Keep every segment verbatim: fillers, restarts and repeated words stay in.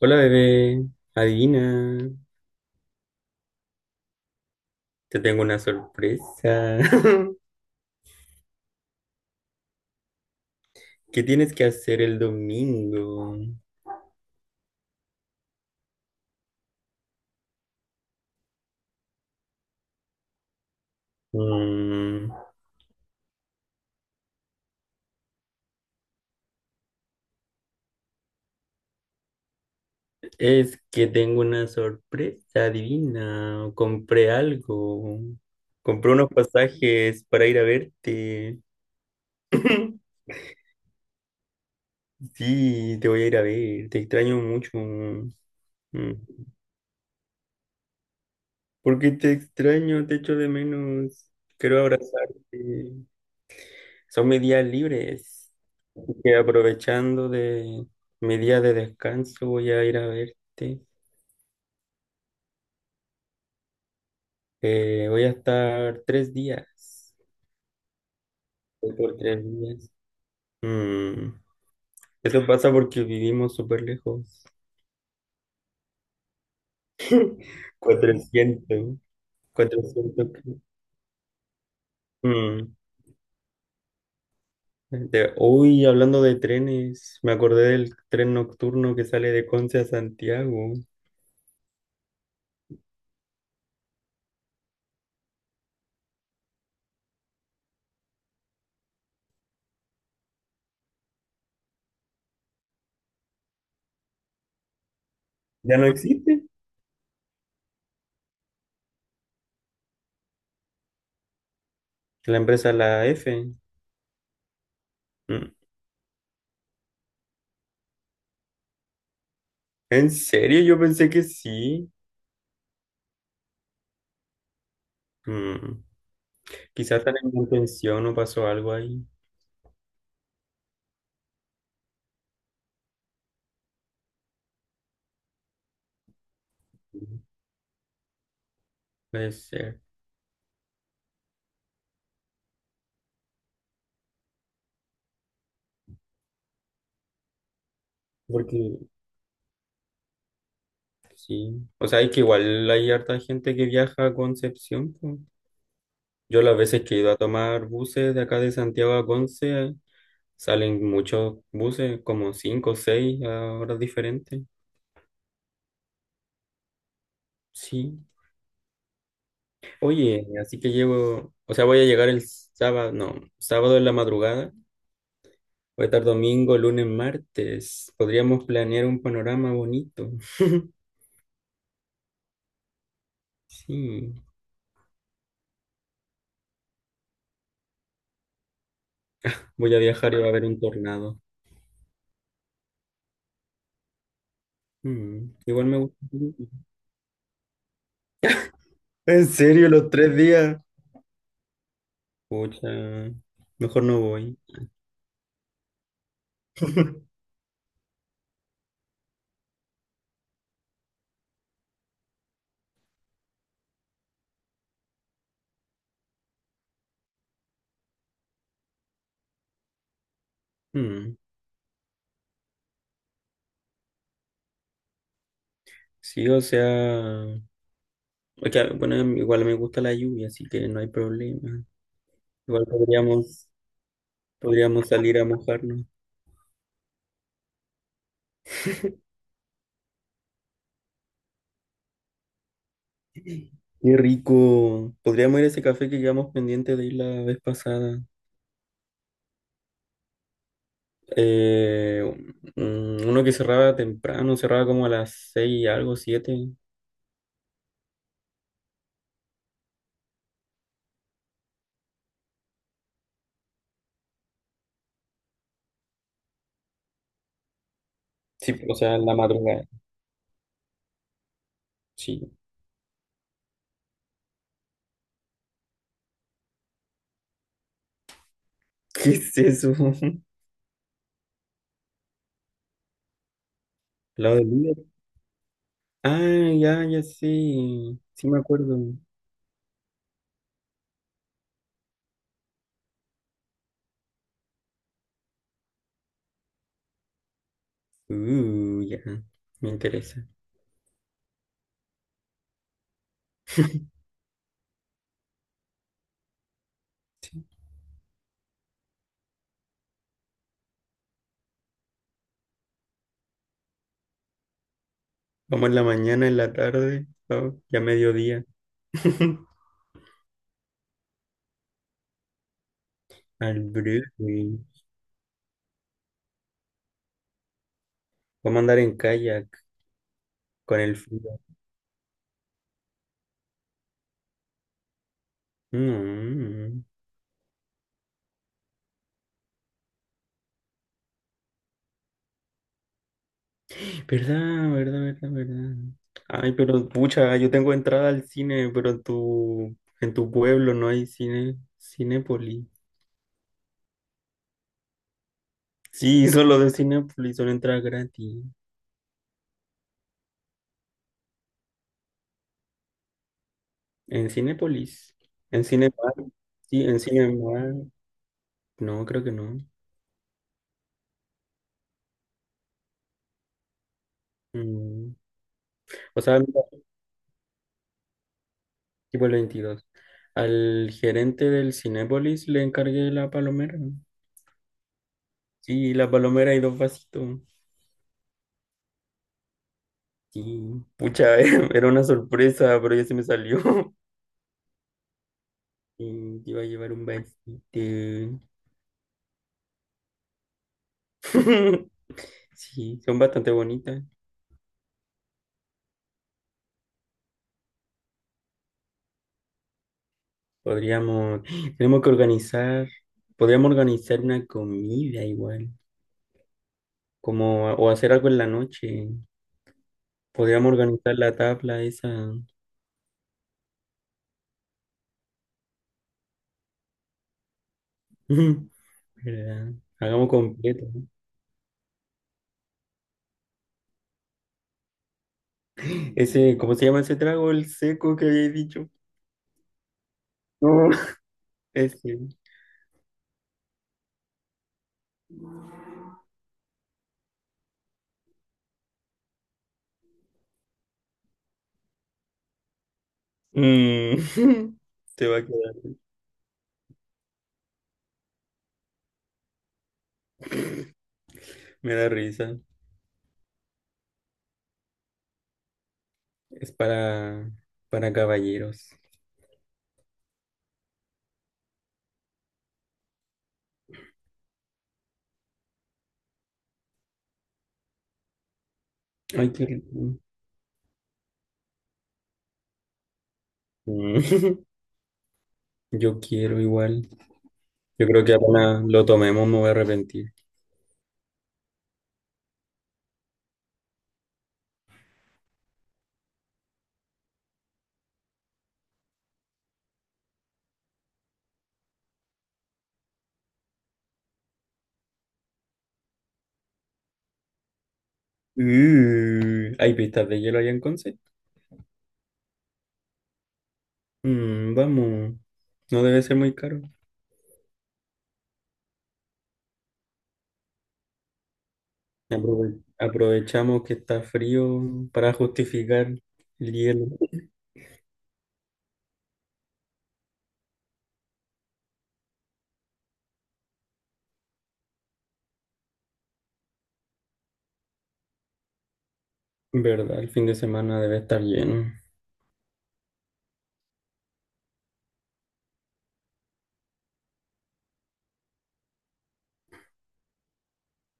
Hola bebé, adivina, te tengo una sorpresa. ¿Qué tienes que hacer el domingo? Mm, es que tengo una sorpresa, adivina. Compré algo. Compré unos pasajes para ir a verte. Sí, te voy a ir a ver, te extraño mucho. Mm, Porque te extraño, te echo de menos. Quiero abrazarte. Son mis días libres. Y aprovechando de mi día de descanso, voy a ir a verte. Eh, voy a estar tres días. Voy por tres días. Mm, Eso pasa porque vivimos súper lejos. cuatrocientos cuatrocientos ki- Mm, de- Uy, hablando de trenes, me acordé del tren nocturno que sale de Conce a Santiago. ¿Ya no existe? La empresa La F. Mm, ¿En serio? Yo pensé que sí. Mm. Quizás están en mantención o pasó algo ahí. ¿No? Puede ser. Porque sí. O sea, es que igual hay harta gente que viaja a Concepción. Po. Yo las veces que he ido a tomar buses de acá de Santiago a Conce, salen muchos buses, como cinco o seis a horas diferentes. Sí. Oye, así que llevo, o sea, voy a llegar el sábado, no, sábado en la madrugada. Voy a estar domingo, lunes, martes. Podríamos planear un panorama bonito. Sí. Voy a viajar y va a haber un tornado. Mm, Igual me gusta. ¿En serio, los tres días? Pucha, mejor no voy. Mm. Sí, o sea, o sea, bueno, igual me gusta la lluvia, así que no hay problema. Igual podríamos, podríamos salir a mojarnos. Qué rico. Podríamos ir a ese café que quedamos pendiente de ir la vez pasada. Eh, mm, Uno que cerraba temprano, cerraba como a las seis y algo, siete. Sí, o sea, en la madrugada. Sí. ¿Qué es eso? ¿Lado del líder? Ah, ya, ya sí. Sí me acuerdo. Uh, ya. Me interesa. Vamos en la mañana, en la tarde, ¿no? Ya mediodía. Al brujo. Vamos a andar en kayak con el frío. Mm. ¿Verdad, verdad, verdad, verdad? Ay, pero pucha, yo tengo entrada al cine, pero en tu, en tu pueblo no hay cine, Cinépolis. Sí, solo de Cinépolis son entradas gratis. En Cinépolis. En Cinemar. Sí, en Cinemar. No, creo que no. Mm, O sea, mira, tipo el veintidós. Al gerente del Cinépolis le encargué la palomera. Sí, la palomera y dos vasitos. Sí, pucha, era una sorpresa, pero ya se me salió. Y te iba a llevar un vasito. Sí, son bastante bonitas. Podríamos, tenemos que organizar, podríamos organizar una comida igual. Como o hacer algo en la noche. Podríamos organizar la tabla esa. ¿Verdad? Hagamos completo. ¿No? Ese, ¿cómo se llama ese trago? El seco que había dicho. No. Ese. Mm. Se va a quedar. Me da risa. Es para, para caballeros. Ay, qué rico. Mm. Yo quiero igual. Yo creo que apenas lo tomemos me voy a arrepentir. Uh, ¿hay pistas de hielo allá en Conce? Mm, vamos. No debe ser muy caro. Aprove- Aprovechamos que está frío para justificar el hielo. ¿Verdad? El fin de semana debe estar lleno.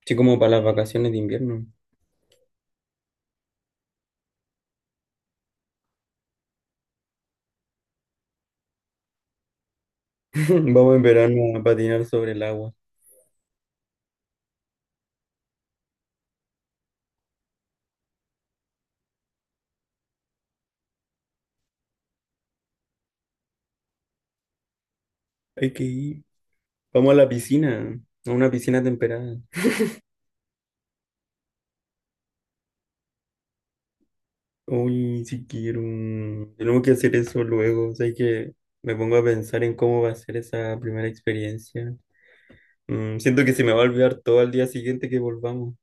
Sí, como para las vacaciones de invierno. Vamos en verano a patinar sobre el agua. Hay que ir. Vamos a la piscina, a una piscina temperada. Uy, si quiero. Tenemos que hacer eso luego. O sea, hay que me pongo a pensar en cómo va a ser esa primera experiencia. Mm, siento que se me va a olvidar todo al día siguiente que volvamos.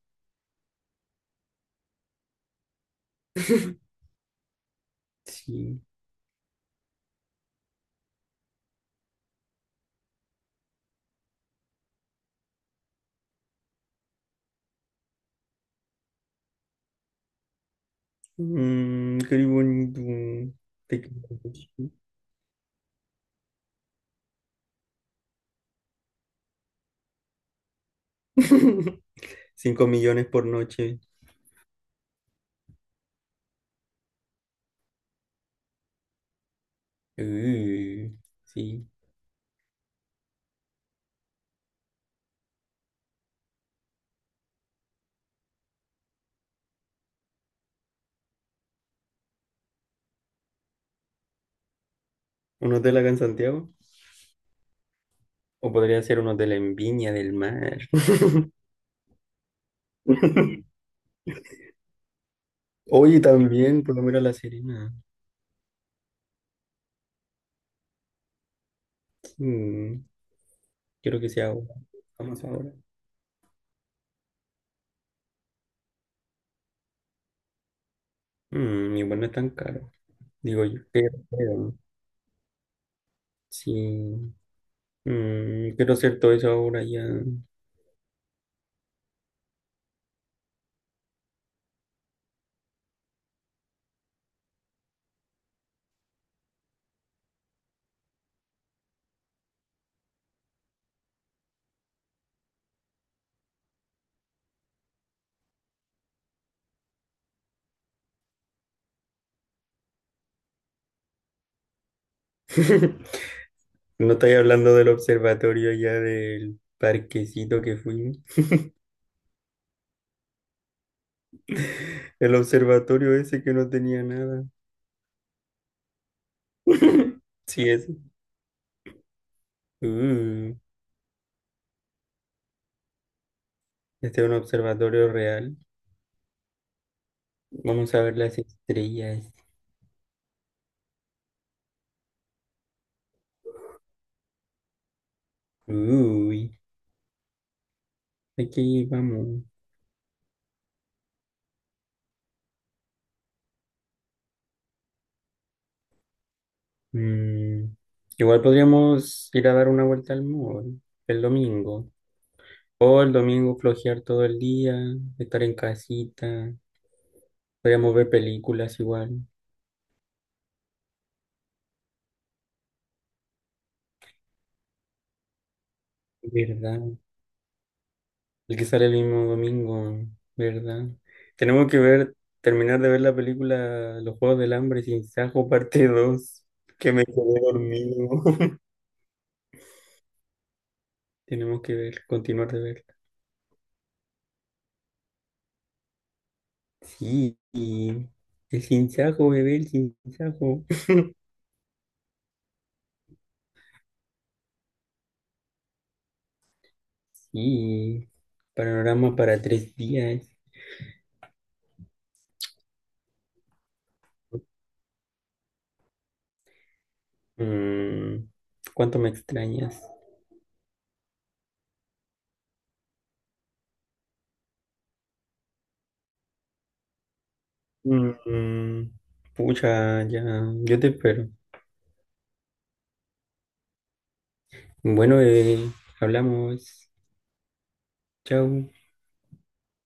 Sí. Mm, qué bonito. Te quiero. cinco millones por noche. Uh, sí. ¿Un hotel acá en Santiago? O podría ser un hotel en Viña del Mar. Oye, también, por lo menos La Serena. Mm, Quiero que sea ahora. Vamos ahora. Mm, igual no es tan caro. Digo yo, pero, pero, sí. Mm, quiero hacer todo eso ahora ya. No estoy hablando del observatorio ya del parquecito que fuimos. El observatorio ese que no tenía nada. Sí, ese. Uh, este es un observatorio real. Vamos a ver las estrellas. Uy, aquí vamos. Mm, Igual podríamos ir a dar una vuelta al mall el domingo. O el domingo flojear todo el día, estar en casita. Podríamos ver películas igual. ¿Verdad? El que sale el mismo domingo, ¿verdad? Tenemos que ver, terminar de ver la película Los Juegos del Hambre sin Sajo, parte dos que me quedé dormido. Tenemos que ver, continuar de verla. Sí, y el sin Sajo, bebé, el sin Sajo. Sí, panorama para tres días. Mm, ¿Cuánto me extrañas? Mm, mm, Pucha, ya, yo te espero. Bueno, bebé, hablamos. Chau.